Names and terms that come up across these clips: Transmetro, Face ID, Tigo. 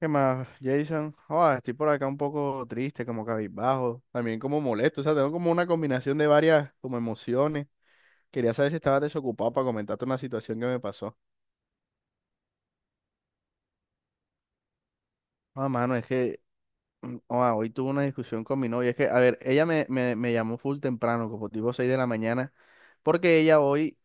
¿Qué más, Jason? Estoy por acá un poco triste, como cabizbajo, también como molesto, o sea, tengo como una combinación de varias como emociones. Quería saber si estabas desocupado para comentarte una situación que me pasó. Ah, mano, es que hoy tuve una discusión con mi novia. Es que, a ver, ella me llamó full temprano, como tipo 6 de la mañana, porque ella hoy,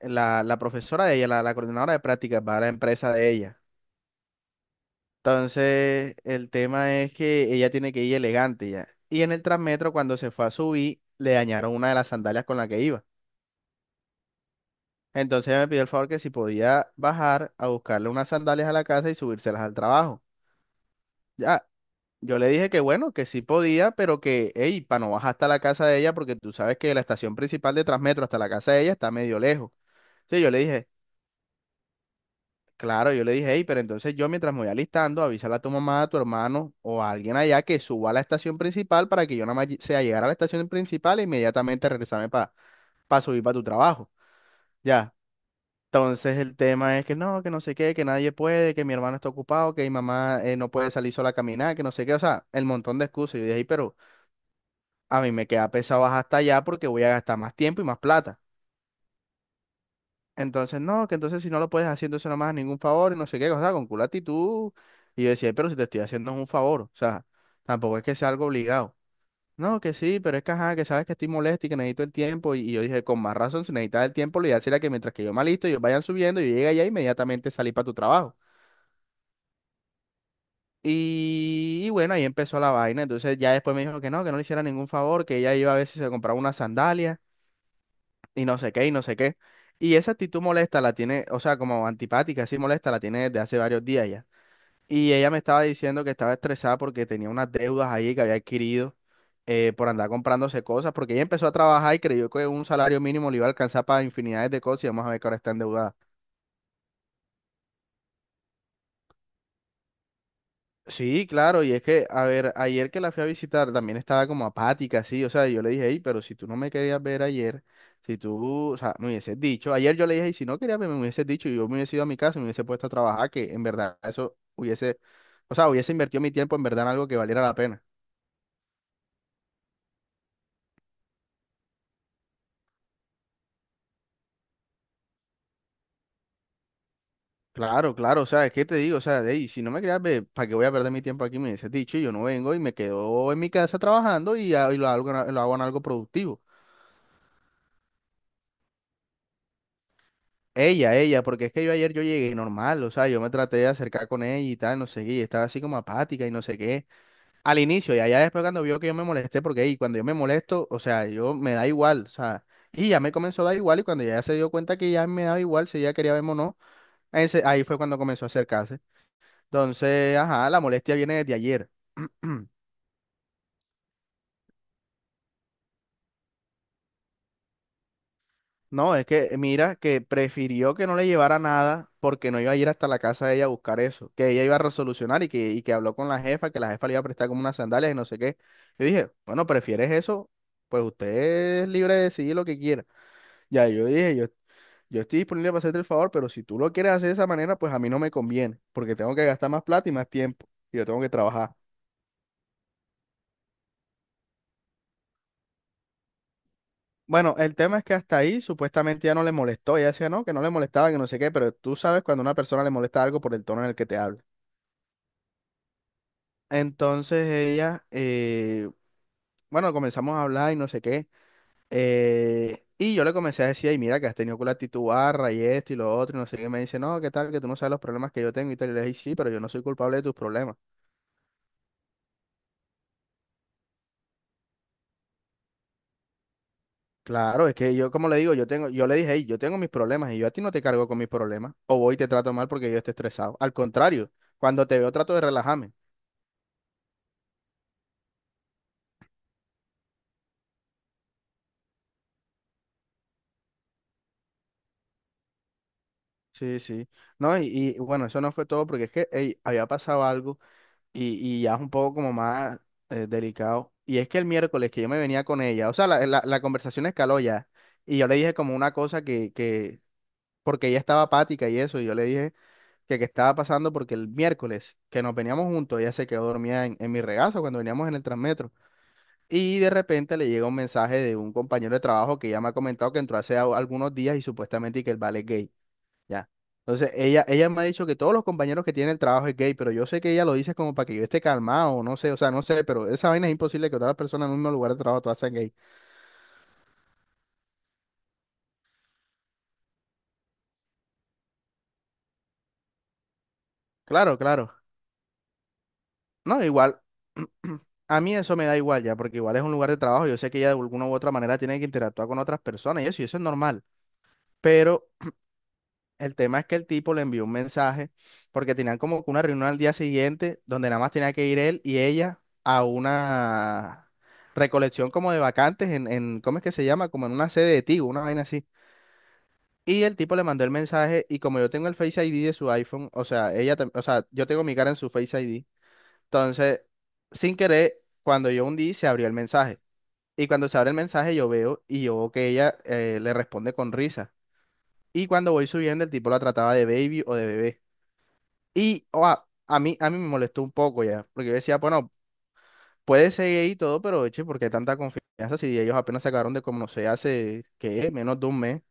la profesora de ella, la coordinadora de prácticas, va a la empresa de ella. Entonces, el tema es que ella tiene que ir elegante ya. Y en el Transmetro, cuando se fue a subir, le dañaron una de las sandalias con la que iba. Entonces ella me pidió el favor que si podía bajar a buscarle unas sandalias a la casa y subírselas al trabajo. Ya, yo le dije que bueno, que sí podía, pero que, hey, para no bajar hasta la casa de ella, porque tú sabes que de la estación principal de Transmetro hasta la casa de ella está medio lejos. Sí, yo le dije, claro, yo le dije, hey, pero entonces yo mientras me voy alistando, avísale a tu mamá, a tu hermano o a alguien allá que suba a la estación principal para que yo nada más sea llegar a la estación principal e inmediatamente regresarme para subir para tu trabajo. Ya. Entonces el tema es que no sé qué, que nadie puede, que mi hermano está ocupado, que mi mamá no puede salir sola a caminar, que no sé qué, o sea, el montón de excusas. Yo dije, "Ey, pero a mí me queda pesado bajar hasta allá porque voy a gastar más tiempo y más plata. Entonces, no, que entonces si no lo puedes hacer, entonces no me hagas ningún favor y no sé qué, o sea, con culo actitud. Y yo decía, pero si te estoy haciendo es un favor, o sea, tampoco es que sea algo obligado. No, que sí, pero es que ajá, que sabes que estoy molesto y que necesito el tiempo. Y yo dije, con más razón, si necesitas el tiempo, lo ideal sería que mientras que yo me alisto, ellos vayan subiendo, yo llegue allá inmediatamente salí para tu trabajo. Y bueno, ahí empezó la vaina. Entonces ya después me dijo que no le hiciera ningún favor, que ella iba a ver si se compraba unas sandalias y no sé qué, y no sé qué. Y esa actitud molesta la tiene, o sea, como antipática, así molesta, la tiene desde hace varios días ya. Y ella me estaba diciendo que estaba estresada porque tenía unas deudas ahí que había adquirido por andar comprándose cosas, porque ella empezó a trabajar y creyó que un salario mínimo le iba a alcanzar para infinidades de cosas y vamos a ver que ahora está endeudada. Sí, claro, y es que, a ver, ayer que la fui a visitar también estaba como apática, sí, o sea, yo le dije, hey, pero si tú no me querías ver ayer, si tú, o sea, me hubieses dicho, ayer yo le dije, "Ey, si no querías verme, me hubieses dicho, y yo me hubiese ido a mi casa, y me hubiese puesto a trabajar, que en verdad eso hubiese, o sea, hubiese invertido mi tiempo en verdad en algo que valiera la pena. Claro, claro, o sea, es que te digo, o sea, "Ey, si no me querías ver, ¿para qué voy a perder mi tiempo aquí? Me hubieses dicho, y yo no vengo y me quedo en mi casa trabajando y, y lo hago, lo hago en algo productivo. Porque es que yo ayer yo llegué normal, o sea, yo me traté de acercar con ella y tal, no sé qué, y estaba así como apática y no sé qué, al inicio, y allá después cuando vio que yo me molesté, porque ahí cuando yo me molesto, o sea, yo me da igual, o sea, y ya me comenzó a dar igual, y cuando ya se dio cuenta que ya me daba igual, si ella quería verme o no, ahí fue cuando comenzó a acercarse. Entonces, ajá, la molestia viene desde ayer. No, es que mira que prefirió que no le llevara nada porque no iba a ir hasta la casa de ella a buscar eso, que ella iba a resolucionar y que habló con la jefa, que la jefa le iba a prestar como unas sandalias y no sé qué. Yo dije, bueno, ¿prefieres eso? Pues usted es libre de decidir lo que quiera. Ya yo dije, yo estoy disponible para hacerte el favor, pero si tú lo quieres hacer de esa manera, pues a mí no me conviene, porque tengo que gastar más plata y más tiempo y yo tengo que trabajar. Bueno, el tema es que hasta ahí supuestamente ya no le molestó, ella decía no, que no le molestaba, que no sé qué, pero tú sabes cuando una persona le molesta algo por el tono en el que te habla. Entonces ella, bueno, comenzamos a hablar y no sé qué. Y yo le comencé a decir, ay, mira, que has tenido con la actitud barra y esto y lo otro, y no sé qué. Me dice, no, ¿qué tal? Que tú no sabes los problemas que yo tengo y tal. Y le dije, sí, pero yo no soy culpable de tus problemas. Claro, es que yo, como le digo, yo tengo, yo le dije, hey, yo tengo mis problemas y yo a ti no te cargo con mis problemas. O voy y te trato mal porque yo esté estresado. Al contrario, cuando te veo trato de relajarme. Sí, sí. No, y bueno, eso no fue todo porque es que, ey, había pasado algo y ya es un poco como más delicado. Y es que el miércoles que yo me venía con ella, o sea, la conversación escaló ya. Y yo le dije como una cosa porque ella estaba apática y eso, y yo le dije que qué estaba pasando porque el miércoles que nos veníamos juntos, ella se quedó dormida en mi regazo cuando veníamos en el Transmetro. Y de repente le llega un mensaje de un compañero de trabajo que ya me ha comentado que entró hace algunos días y supuestamente y que el vale es gay. Ya. Entonces, ella me ha dicho que todos los compañeros que tienen el trabajo es gay, pero yo sé que ella lo dice como para que yo esté calmado, no sé, o sea, no sé, pero esa vaina es imposible que otras personas en un mismo lugar de trabajo todas sean gay. Claro, claro. No, igual, a mí eso me da igual ya, porque igual es un lugar de trabajo, yo sé que ella de alguna u otra manera tiene que interactuar con otras personas y eso es normal. Pero el tema es que el tipo le envió un mensaje porque tenían como que una reunión al día siguiente donde nada más tenía que ir él y ella a una recolección como de vacantes en ¿cómo es que se llama? Como en una sede de Tigo, una vaina así. Y el tipo le mandó el mensaje y como yo tengo el Face ID de su iPhone, o sea, o sea, yo tengo mi cara en su Face ID. Entonces, sin querer, cuando yo hundí, se abrió el mensaje. Y cuando se abre el mensaje, yo veo y yo veo que ella le responde con risa. Y cuando voy subiendo, el tipo la trataba de baby o de bebé. Y a mí me molestó un poco ya, porque yo decía, bueno, puede seguir ahí y todo, pero eche, ¿por qué tanta confianza si ellos apenas se acabaron de conocer hace, ¿qué? Menos de un mes.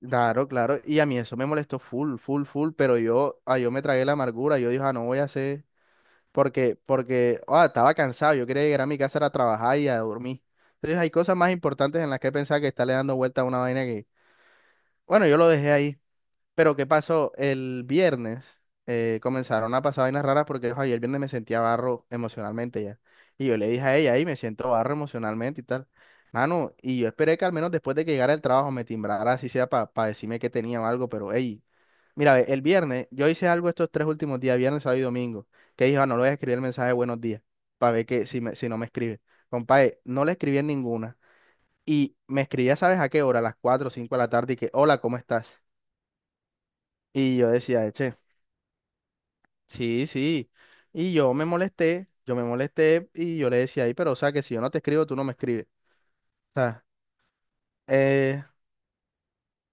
Claro, claro. Y a mí eso me molestó full, full, full, pero yo, yo me tragué la amargura, yo dije, ah, no voy a hacer, estaba cansado, yo quería llegar a mi casa a trabajar y a dormir. Entonces hay cosas más importantes en las que pensar que estarle dando vuelta a una vaina que, bueno, yo lo dejé ahí. Pero ¿qué pasó? El viernes comenzaron a pasar vainas raras porque ojo, yo el viernes me sentía barro emocionalmente ya. Y yo le dije a ella, ahí me siento barro emocionalmente y tal. Mano, y yo esperé que al menos después de que llegara el trabajo me timbrara, así sea para decirme que tenía o algo, pero hey, mira, ve, el viernes, yo hice algo estos tres últimos días, viernes, sábado y domingo, que dije, ah, no le voy a escribir el mensaje de buenos días, para ver que si, si no me escribe. Compadre, no le escribí en ninguna. Y me escribía, ¿sabes a qué hora? A las 4 o 5 de la tarde y que, hola, ¿cómo estás? Y yo decía, eche. Sí, sí. Y yo me molesté y yo le decía ahí, pero o sea, que si yo no te escribo, tú no me escribes. O sea, eh,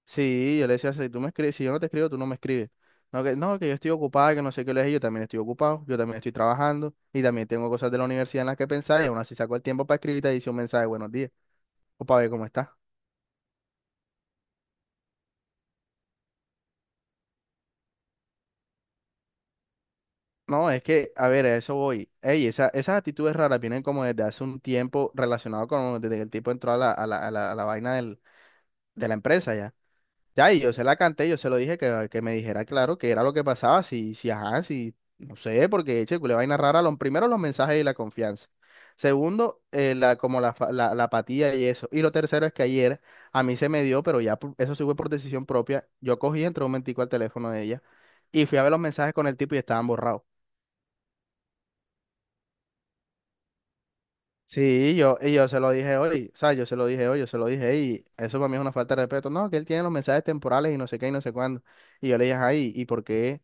sí, yo le decía, si tú me escribes, si yo no te escribo, tú no me escribes. No, que, no, que yo estoy ocupada, que no sé qué le dije, yo también estoy ocupado, yo también estoy trabajando y también tengo cosas de la universidad en las que pensar y aún así saco el tiempo para escribirte y dice un mensaje, buenos días, o para ver cómo estás. No, es que, a ver, a eso voy. Ey, esa, esas actitudes raras vienen como desde hace un tiempo relacionado con, desde que el tipo entró a la vaina del, de la empresa ya. Ya, y yo se la canté, yo se lo dije que me dijera claro que era lo que pasaba, si, si, ajá, si, no sé, porque eche, le vaina rara, lo, primero los mensajes y la confianza. Segundo, la, como la, la, la apatía y eso. Y lo tercero es que ayer a mí se me dio, pero ya eso sí fue por decisión propia, yo cogí, entré un momentico al teléfono de ella y fui a ver los mensajes con el tipo y estaban borrados. Sí, yo, y yo se lo dije hoy, o sea, yo se lo dije hoy, yo se lo dije, y eso para mí es una falta de respeto. No, que él tiene los mensajes temporales y no sé qué y no sé cuándo. Y yo le dije, ay, ¿y por qué?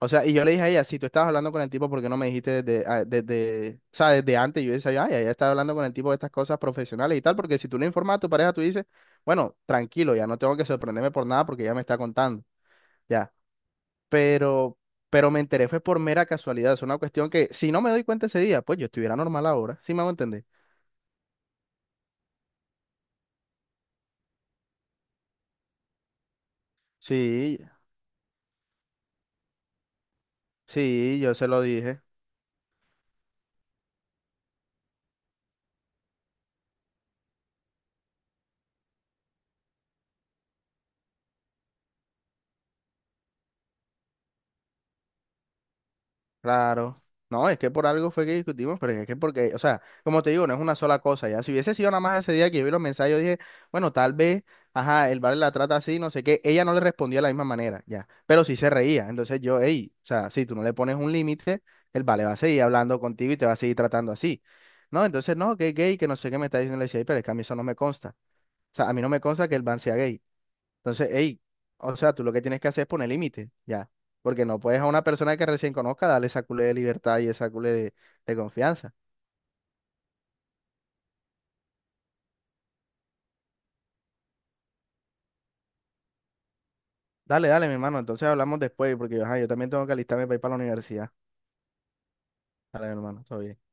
O sea, y yo le dije a ella, si tú estabas hablando con el tipo, ¿por qué no me dijiste desde, desde, o sea, desde antes? Yo decía, ay, ella está hablando con el tipo de estas cosas profesionales y tal, porque si tú le informas a tu pareja, tú dices, bueno, tranquilo, ya no tengo que sorprenderme por nada porque ya me está contando, ya. Pero, pero me enteré fue por mera casualidad, es una cuestión que si no me doy cuenta ese día, pues yo estuviera normal ahora, ¿sí me hago entender? Sí, sí, yo se lo dije, claro. No, es que por algo fue que discutimos, pero es que porque, o sea, como te digo, no es una sola cosa, ya. Si hubiese sido nada más ese día que yo vi los mensajes, yo dije, bueno, tal vez, ajá, el vale la trata así, no sé qué. Ella no le respondía de la misma manera, ya. Pero sí se reía. Entonces yo, hey, o sea, si tú no le pones un límite, el vale va a seguir hablando contigo y te va a seguir tratando así. No, entonces no, que es gay, que no sé qué me está diciendo. Le decía, "Ey, pero es que a mí eso no me consta. O sea, a mí no me consta que el van sea gay. Entonces, hey, o sea, tú lo que tienes que hacer es poner límites, ya. Porque no puedes a una persona que recién conozca darle esa culé de libertad y esa culé de confianza. Dale, dale, mi hermano. Entonces hablamos después, porque ajá, yo también tengo que alistarme para ir para la universidad. Dale, mi hermano. Todo bien.